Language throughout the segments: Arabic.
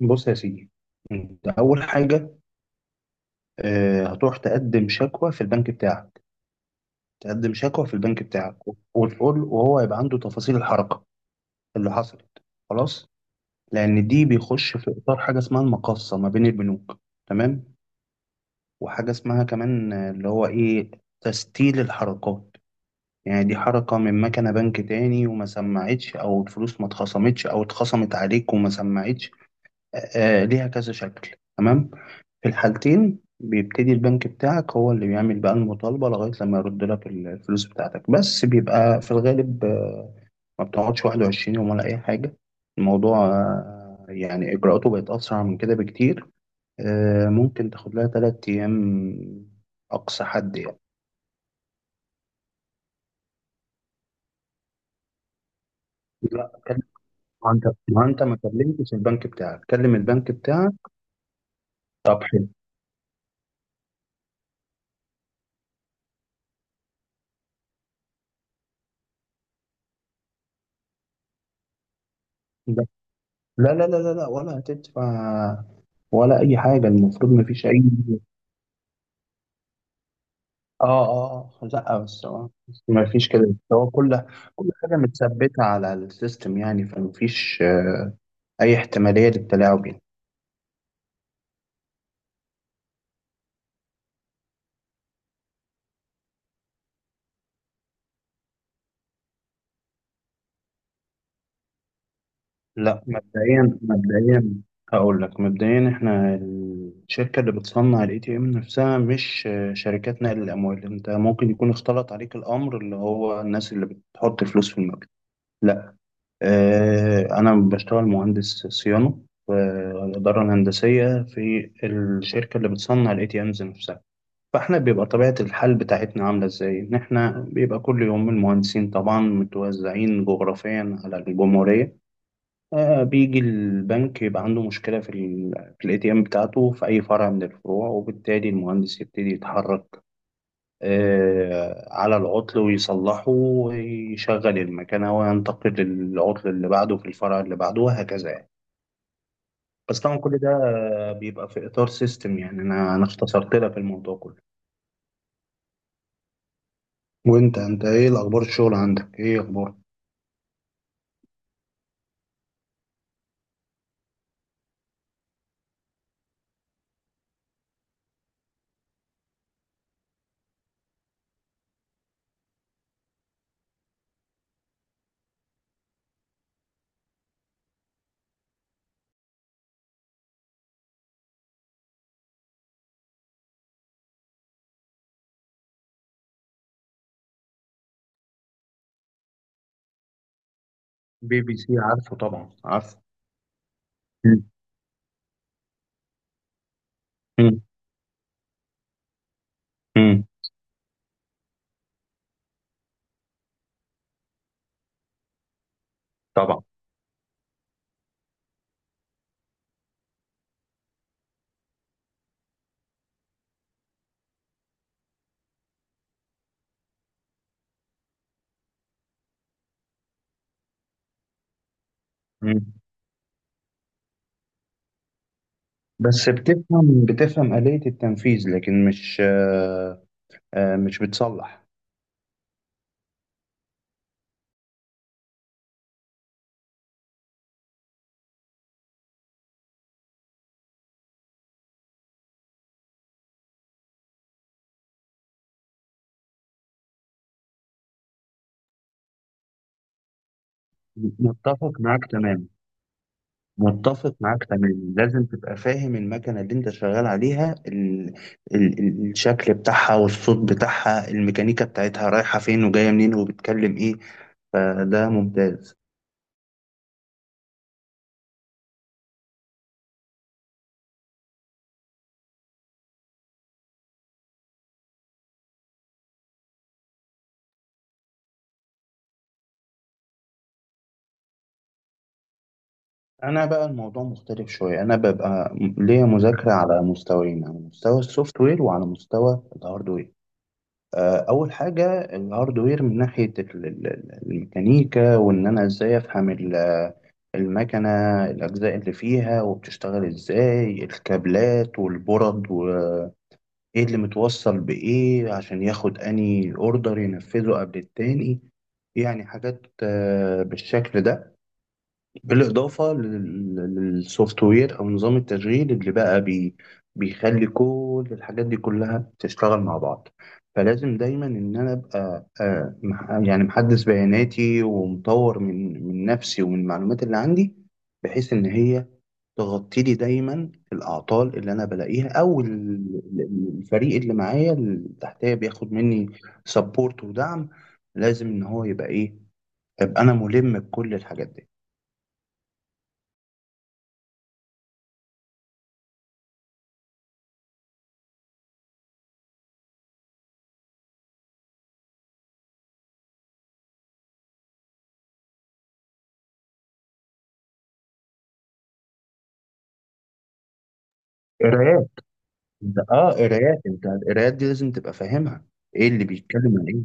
بص يا سيدي، انت اول حاجه، هتروح تقدم شكوى في البنك بتاعك. تقدم شكوى في البنك بتاعك، وتقول وهو يبقى عنده تفاصيل الحركه اللي حصلت. خلاص. لان دي بيخش في اطار حاجه اسمها المقاصه ما بين البنوك. تمام. وحاجه اسمها كمان، اللي هو ايه، تسجيل الحركات. يعني دي حركه من مكنه بنك تاني وما سمعتش، او الفلوس ما اتخصمتش او اتخصمت عليك وما سمعتش. ليها كذا شكل. تمام. في الحالتين بيبتدي البنك بتاعك هو اللي بيعمل بقى المطالبة، لغاية لما يرد لك الفلوس بتاعتك، بس بيبقى في الغالب ما بتقعدش 21 يوم ولا أي حاجة. الموضوع يعني إجراءاته بقت أسرع من كده بكتير. ممكن تاخد لها 3 أيام، أقصى حد يعني. لا، كلم. ما أنت ما أنت ما كلمتش البنك بتاعك، كلم البنك بتاعك. طب حلو. لا، لا، لا، لا، لا، ولا هتدفع ولا أي حاجة، المفروض ما فيش أي. اه، اه، آه. لا، بس هو ما فيش كده، هو كل حاجه متثبته على السيستم، يعني فما فيش اي احتماليه للتلاعب يعني. لا، مبدئيا هقول لك، مبدئيا احنا الشركه اللي بتصنع الاي تي ام نفسها، مش شركات نقل الاموال. انت ممكن يكون اختلط عليك الامر، اللي هو الناس اللي بتحط فلوس في المكتب. لا، انا بشتغل مهندس صيانه في الاداره الهندسيه في الشركه اللي بتصنع الاي تي امز نفسها. فاحنا بيبقى طبيعة الحال بتاعتنا عاملة ازاي؟ ان احنا بيبقى كل يوم المهندسين طبعا متوزعين جغرافيا على الجمهورية. بيجي البنك يبقى عنده مشكلة في الاي تي ام بتاعته في اي فرع من الفروع، وبالتالي المهندس يبتدي يتحرك على العطل ويصلحه ويشغل المكنة، وينتقل للعطل اللي بعده في الفرع اللي بعده، وهكذا يعني. بس طبعا كل ده بيبقى في اطار سيستم يعني، انا اختصرت لك الموضوع كله. وانت ايه الاخبار؟ الشغل عندك ايه اخبار؟ بي بي سي، عارفه؟ طبعا عارفه. مم. مم. مم. طبعا. مم. بس بتفهم بتفهم آلية التنفيذ، لكن مش آه، آه، مش بتصلح. متفق معاك تماما. متفق معاك تماما. لازم تبقى فاهم المكنة اللي انت شغال عليها، الشكل بتاعها والصوت بتاعها، الميكانيكا بتاعتها رايحة فين وجاية منين وبتكلم ايه. فده ممتاز. انا بقى الموضوع مختلف شويه، انا ببقى ليا مذاكره على مستويين، على مستوى السوفت وير وعلى مستوى الهاردوير. اول حاجه الهاردوير، من ناحيه الميكانيكا، وان انا ازاي افهم المكنه، الاجزاء اللي فيها وبتشتغل ازاي، الكابلات والبرد وايه اللي متوصل بايه عشان ياخد اني اوردر ينفذه قبل التاني. يعني حاجات بالشكل ده، بالإضافة للسوفت وير أو نظام التشغيل اللي بقى بيخلي كل الحاجات دي كلها تشتغل مع بعض. فلازم دايما إن أنا أبقى يعني محدث بياناتي، ومطور من نفسي ومن المعلومات اللي عندي، بحيث إن هي تغطي لي دايما الأعطال اللي أنا بلاقيها، أو الفريق اللي معايا اللي تحتيا بياخد مني سبورت ودعم. لازم إن هو يبقى إيه؟ أبقى أنا ملم بكل الحاجات دي. انت قرايات، انت القرايات دي لازم تبقى فاهمها، ايه اللي بيتكلم عن ايه.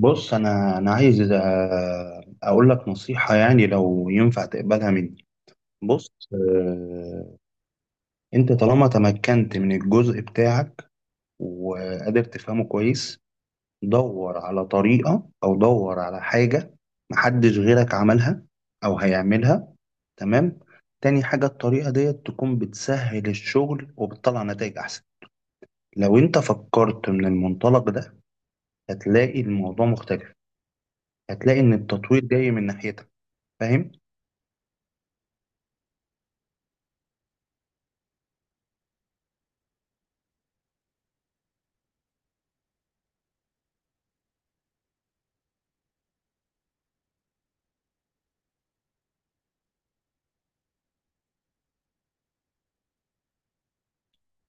بص، انا عايز اقول لك نصيحة، يعني لو ينفع تقبلها مني. بص، انت طالما تمكنت من الجزء بتاعك وقادر تفهمه كويس، دور على طريقة، او دور على حاجة محدش غيرك عملها او هيعملها. تمام. تاني حاجة، الطريقة ديت تكون بتسهل الشغل وبتطلع نتائج احسن. لو انت فكرت من المنطلق ده، هتلاقي الموضوع مختلف، هتلاقي ان التطوير جاي من ناحيتك. فاهم؟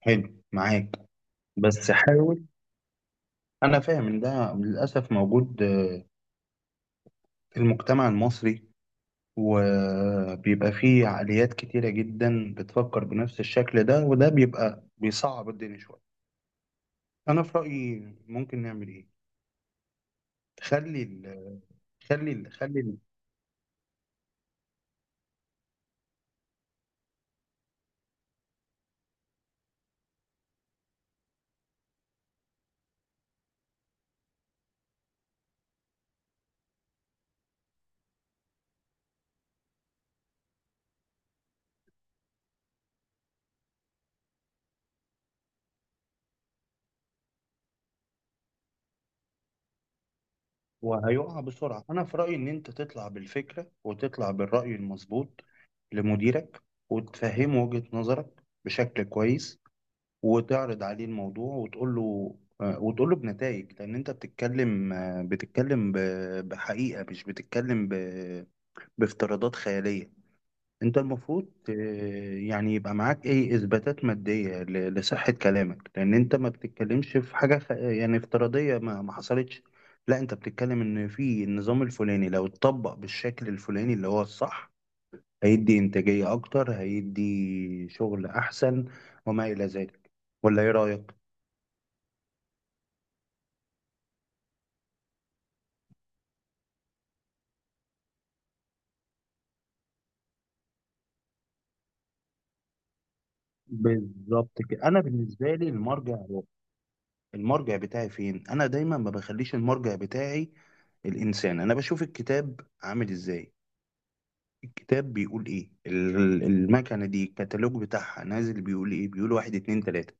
حلو معاك. بس حاول. انا فاهم ان ده للاسف موجود في المجتمع المصري، وبيبقى فيه عقليات كتيرة جدا بتفكر بنفس الشكل ده، وده بيبقى بيصعب الدنيا شوية. انا في رأيي، ممكن نعمل ايه؟ خلي ال- خلي ال- خلي ال- وهيقع بسرعة. أنا في رأيي إن أنت تطلع بالفكرة وتطلع بالرأي المظبوط لمديرك، وتفهمه وجهة نظرك بشكل كويس، وتعرض عليه الموضوع، وتقول له بنتائج. لان انت بتتكلم بحقيقة، مش بتتكلم بافتراضات خيالية. انت المفروض يعني يبقى معاك ايه، اثباتات مادية لصحة كلامك، لان انت ما بتتكلمش في حاجة يعني افتراضية ما حصلتش. لا، انت بتتكلم ان في النظام الفلاني لو اتطبق بالشكل الفلاني اللي هو الصح، هيدي إنتاجية أكتر، هيدي شغل أحسن، وما إلى ذلك. ولا إيه رأيك؟ بالظبط كده. أنا بالنسبة لي المرجع هو المرجع بتاعي فين؟ أنا دايما ما بخليش المرجع بتاعي الإنسان، أنا بشوف الكتاب عامل إزاي، الكتاب بيقول إيه، المكنة دي الكتالوج بتاعها نازل بيقول إيه، بيقول واحد اتنين تلاتة.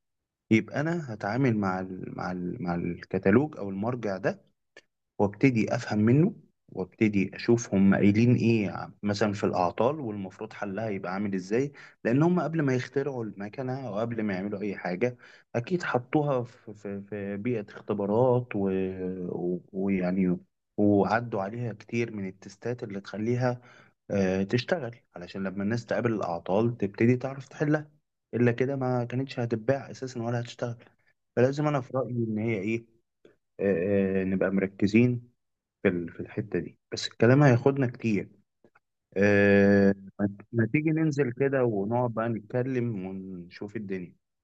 يبقى أنا هتعامل مع الكتالوج أو المرجع ده، وابتدي افهم منه، وابتدي اشوف هم قايلين ايه مثلا في الاعطال، والمفروض حلها يبقى عامل ازاي. لان هم قبل ما يخترعوا المكنه او قبل ما يعملوا اي حاجه، اكيد حطوها في بيئه اختبارات، ويعني وعدوا عليها كتير من التستات اللي تخليها تشتغل، علشان لما الناس تقابل الاعطال تبتدي تعرف تحلها. الا كده ما كانتش هتتباع اساسا ولا هتشتغل. فلازم انا في رايي ان هي ايه، نبقى مركزين في الحتة دي، بس الكلام هياخدنا كتير. أه ما ما تيجي ننزل كده ونقعد بقى نتكلم ونشوف الدنيا.